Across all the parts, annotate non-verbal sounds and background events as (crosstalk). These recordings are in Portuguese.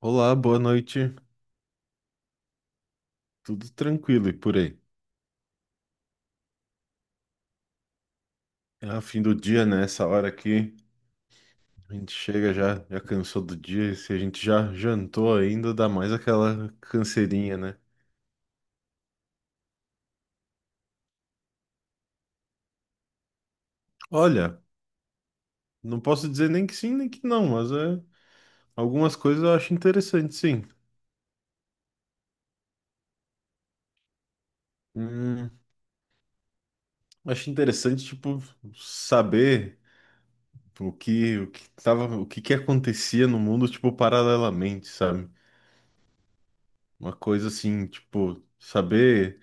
Olá, boa noite. Tudo tranquilo e por aí? É fim do dia, né? Essa hora aqui, a gente chega já, já cansou do dia. E se a gente já jantou ainda, dá mais aquela canseirinha, né? Olha, não posso dizer nem que sim, nem que não, mas é, algumas coisas eu acho interessante, sim. Hum, Acho interessante, tipo, saber o que que acontecia no mundo, tipo, paralelamente, sabe? Uma coisa assim, tipo, saber.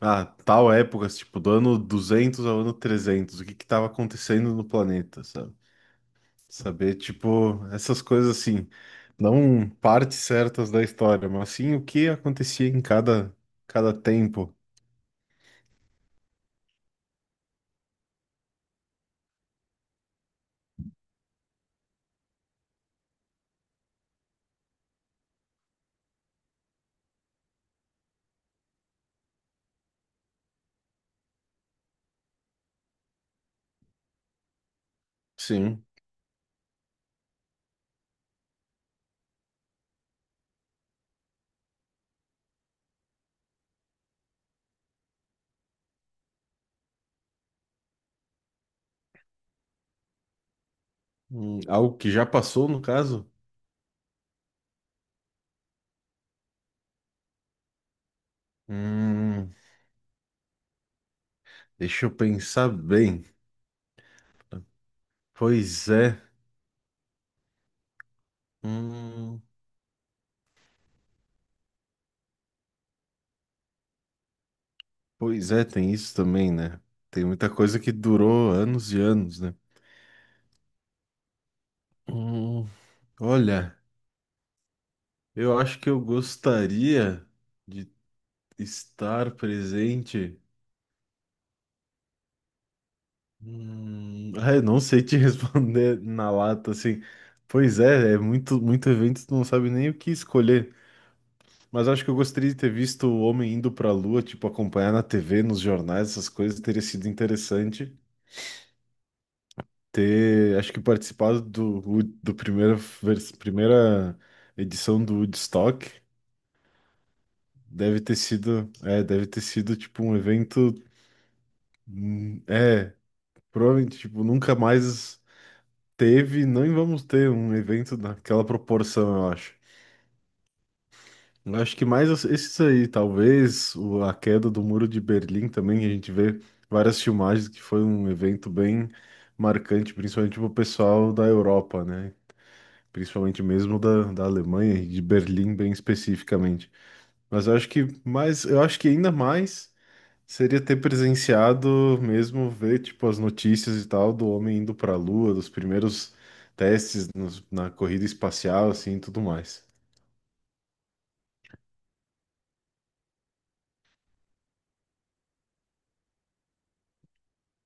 Ah, tal época, assim, tipo, do ano 200 ao ano 300, o que que tava acontecendo no planeta, sabe? Saber, tipo, essas coisas assim, não partes certas da história, mas sim o que acontecia em cada tempo. Sim. Algo que já passou, no caso? Hum, Deixa eu pensar bem. Pois é. Hum, Pois é, tem isso também, né? Tem muita coisa que durou anos e anos, né? Hum, Olha. Eu acho que eu gostaria de estar presente. Ah, eu (laughs) não sei te (laughs) responder na lata assim. Pois é, é muito, muito evento, tu não sabe nem o que escolher. Mas acho que eu gostaria de ter visto o homem indo pra Lua, tipo, acompanhar na TV, nos jornais, essas coisas, teria sido interessante. Ter, acho que participado do primeira edição do Woodstock. Deve ter sido tipo um evento. É, provavelmente, tipo, nunca mais teve, nem vamos ter um evento daquela proporção, eu acho. Eu acho que mais esses aí, talvez a queda do Muro de Berlim também, a gente vê várias filmagens que foi um evento bem marcante, principalmente para o pessoal da Europa, né? Principalmente mesmo da Alemanha e de Berlim, bem especificamente. Mas eu acho que ainda mais. Seria ter presenciado mesmo, ver tipo as notícias e tal do homem indo para a Lua, dos primeiros testes na corrida espacial, assim, e tudo mais.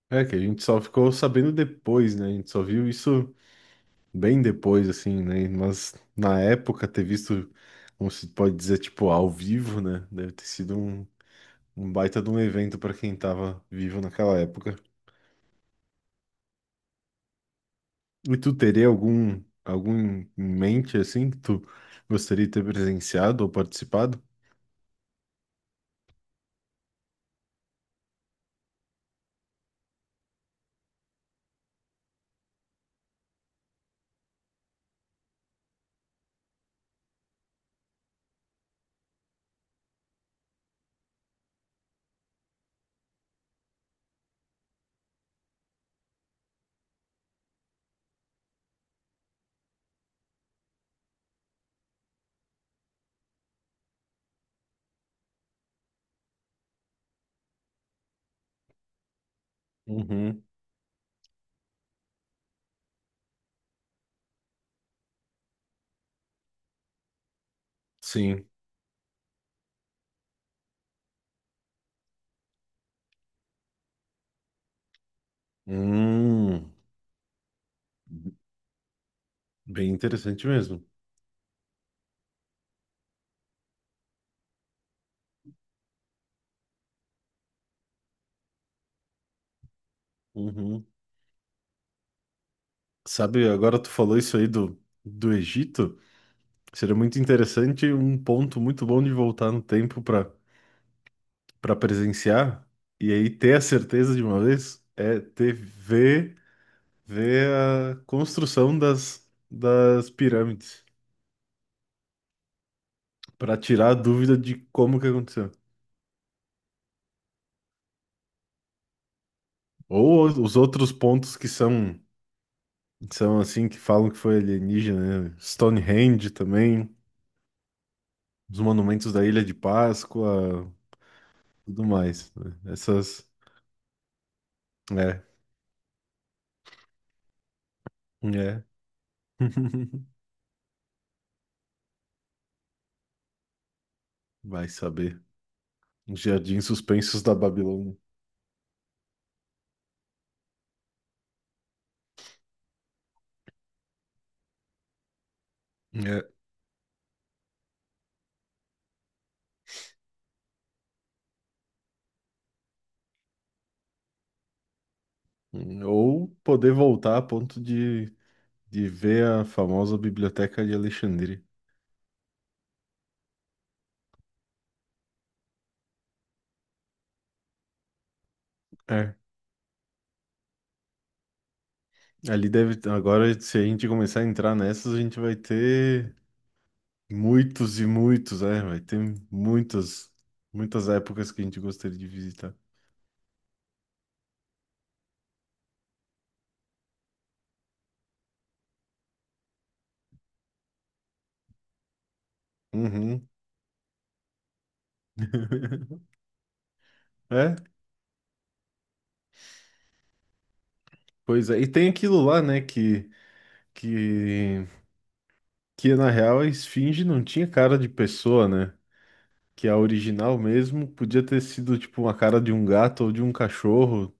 É que a gente só ficou sabendo depois, né? A gente só viu isso bem depois, assim, né? Mas na época ter visto, como se pode dizer, tipo ao vivo, né? Deve ter sido um baita de um evento para quem tava vivo naquela época. E tu teria algum em mente assim que tu gostaria de ter presenciado ou participado? Uhum, sim. Hum, Bem interessante mesmo. Uhum. Sabe, agora tu falou isso aí do Egito. Seria muito interessante, um ponto muito bom de voltar no tempo para presenciar e aí ter a certeza de uma vez ver a construção das pirâmides para tirar a dúvida de como que aconteceu. Ou os outros pontos que são assim que falam que foi alienígena, né? Stonehenge também. Os monumentos da Ilha de Páscoa, tudo mais, né? Essas. É, é. (laughs) Vai saber. Os Jardins suspensos da Babilônia. É. Ou poder voltar a ponto de ver a famosa Biblioteca de Alexandria. É. Ali deve. Agora, se a gente começar a entrar nessas, a gente vai ter muitos e muitos, é. Vai ter muitas, muitas épocas que a gente gostaria de visitar. Uhum. (laughs) É, pois é. E tem aquilo lá, né, que, que na real a esfinge não tinha cara de pessoa, né? Que a original mesmo podia ter sido tipo uma cara de um gato ou de um cachorro.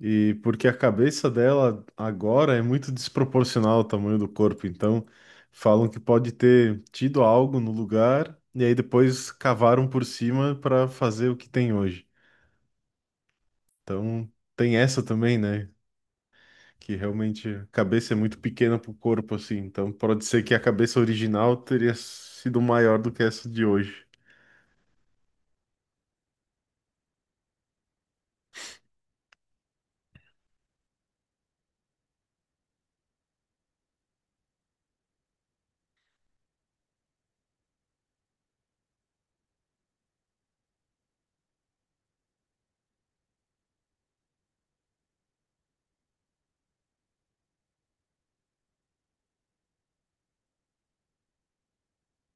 E porque a cabeça dela agora é muito desproporcional ao tamanho do corpo, então falam que pode ter tido algo no lugar e aí depois cavaram por cima para fazer o que tem hoje. Então tem essa também, né? Que realmente a cabeça é muito pequena pro corpo, assim. Então pode ser que a cabeça original teria sido maior do que essa de hoje.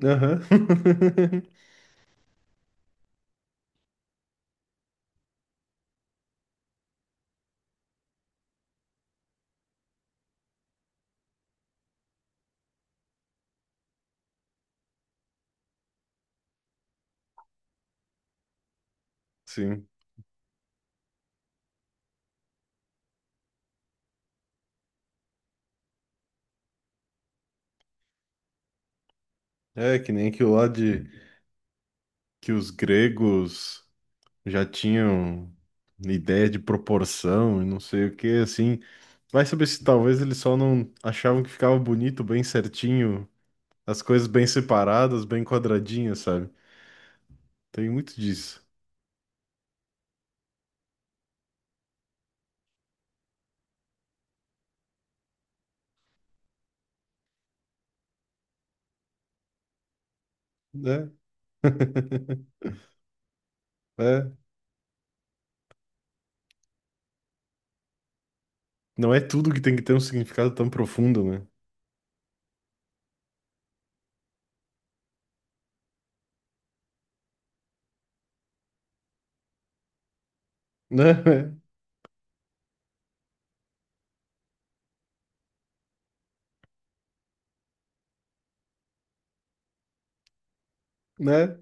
Aham. (laughs) Sim. É que nem aquilo lá de que os gregos já tinham ideia de proporção e não sei o que, assim. Vai saber se talvez eles só não achavam que ficava bonito, bem certinho, as coisas bem separadas, bem quadradinhas, sabe? Tem muito disso, né? (laughs) É. Não é tudo que tem que ter um significado tão profundo, né? Né? Né?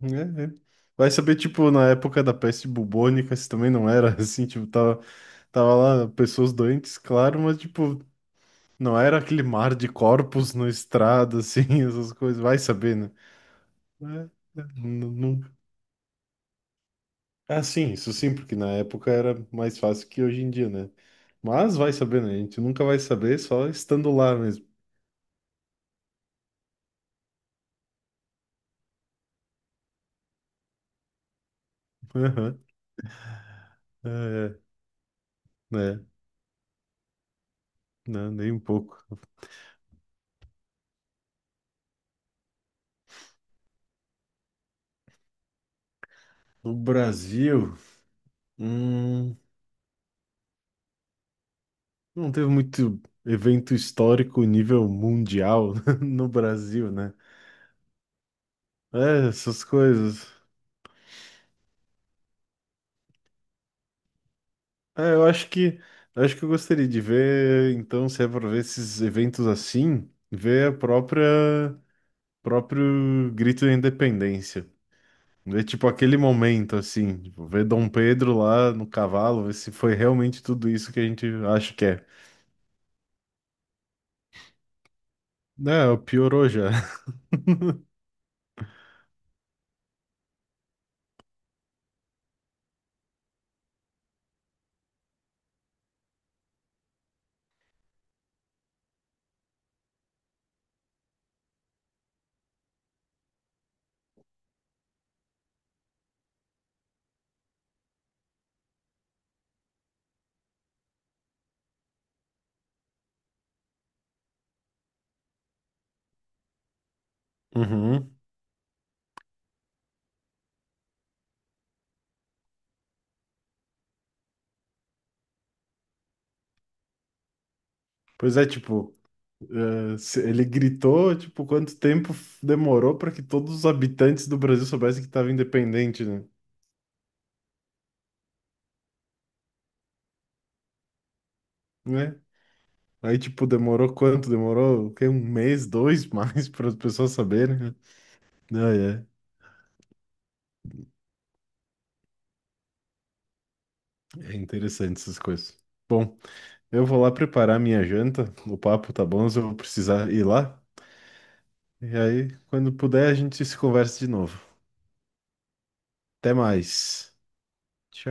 Né? Né? Vai saber, tipo, na época da peste bubônica, se também não era (laughs) assim, tipo, tava lá pessoas doentes, claro, mas, tipo, não era aquele mar de corpos na estrada, assim, (laughs) essas coisas. Vai saber, né? Né? Né? Nunca. Ah, sim, isso sim, porque na época era mais fácil que hoje em dia, né? Mas vai saber, né? A gente nunca vai saber só estando lá mesmo. (laughs) Aham. É, é, né? Não, nem um pouco. No Brasil, hum, não teve muito evento histórico nível mundial (laughs) no Brasil, né? É, essas coisas. É, eu acho que eu gostaria de ver, então, se é para ver esses eventos assim, ver a própria próprio grito da independência. Ver tipo aquele momento assim, tipo, ver Dom Pedro lá no cavalo, ver se foi realmente tudo isso que a gente acha que é. Não, piorou já. (laughs) Uhum. Pois é, tipo, ele gritou, tipo, quanto tempo demorou para que todos os habitantes do Brasil soubessem que estava independente, né? Né? Aí, tipo, demorou quanto? Demorou, o quê? Um mês, dois (laughs) mais para as pessoas saberem, né? Ah, é. É interessante essas coisas. Bom, eu vou lá preparar minha janta. O papo tá bom, mas eu vou precisar ir lá. E aí, quando puder, a gente se conversa de novo. Até mais. Tchau.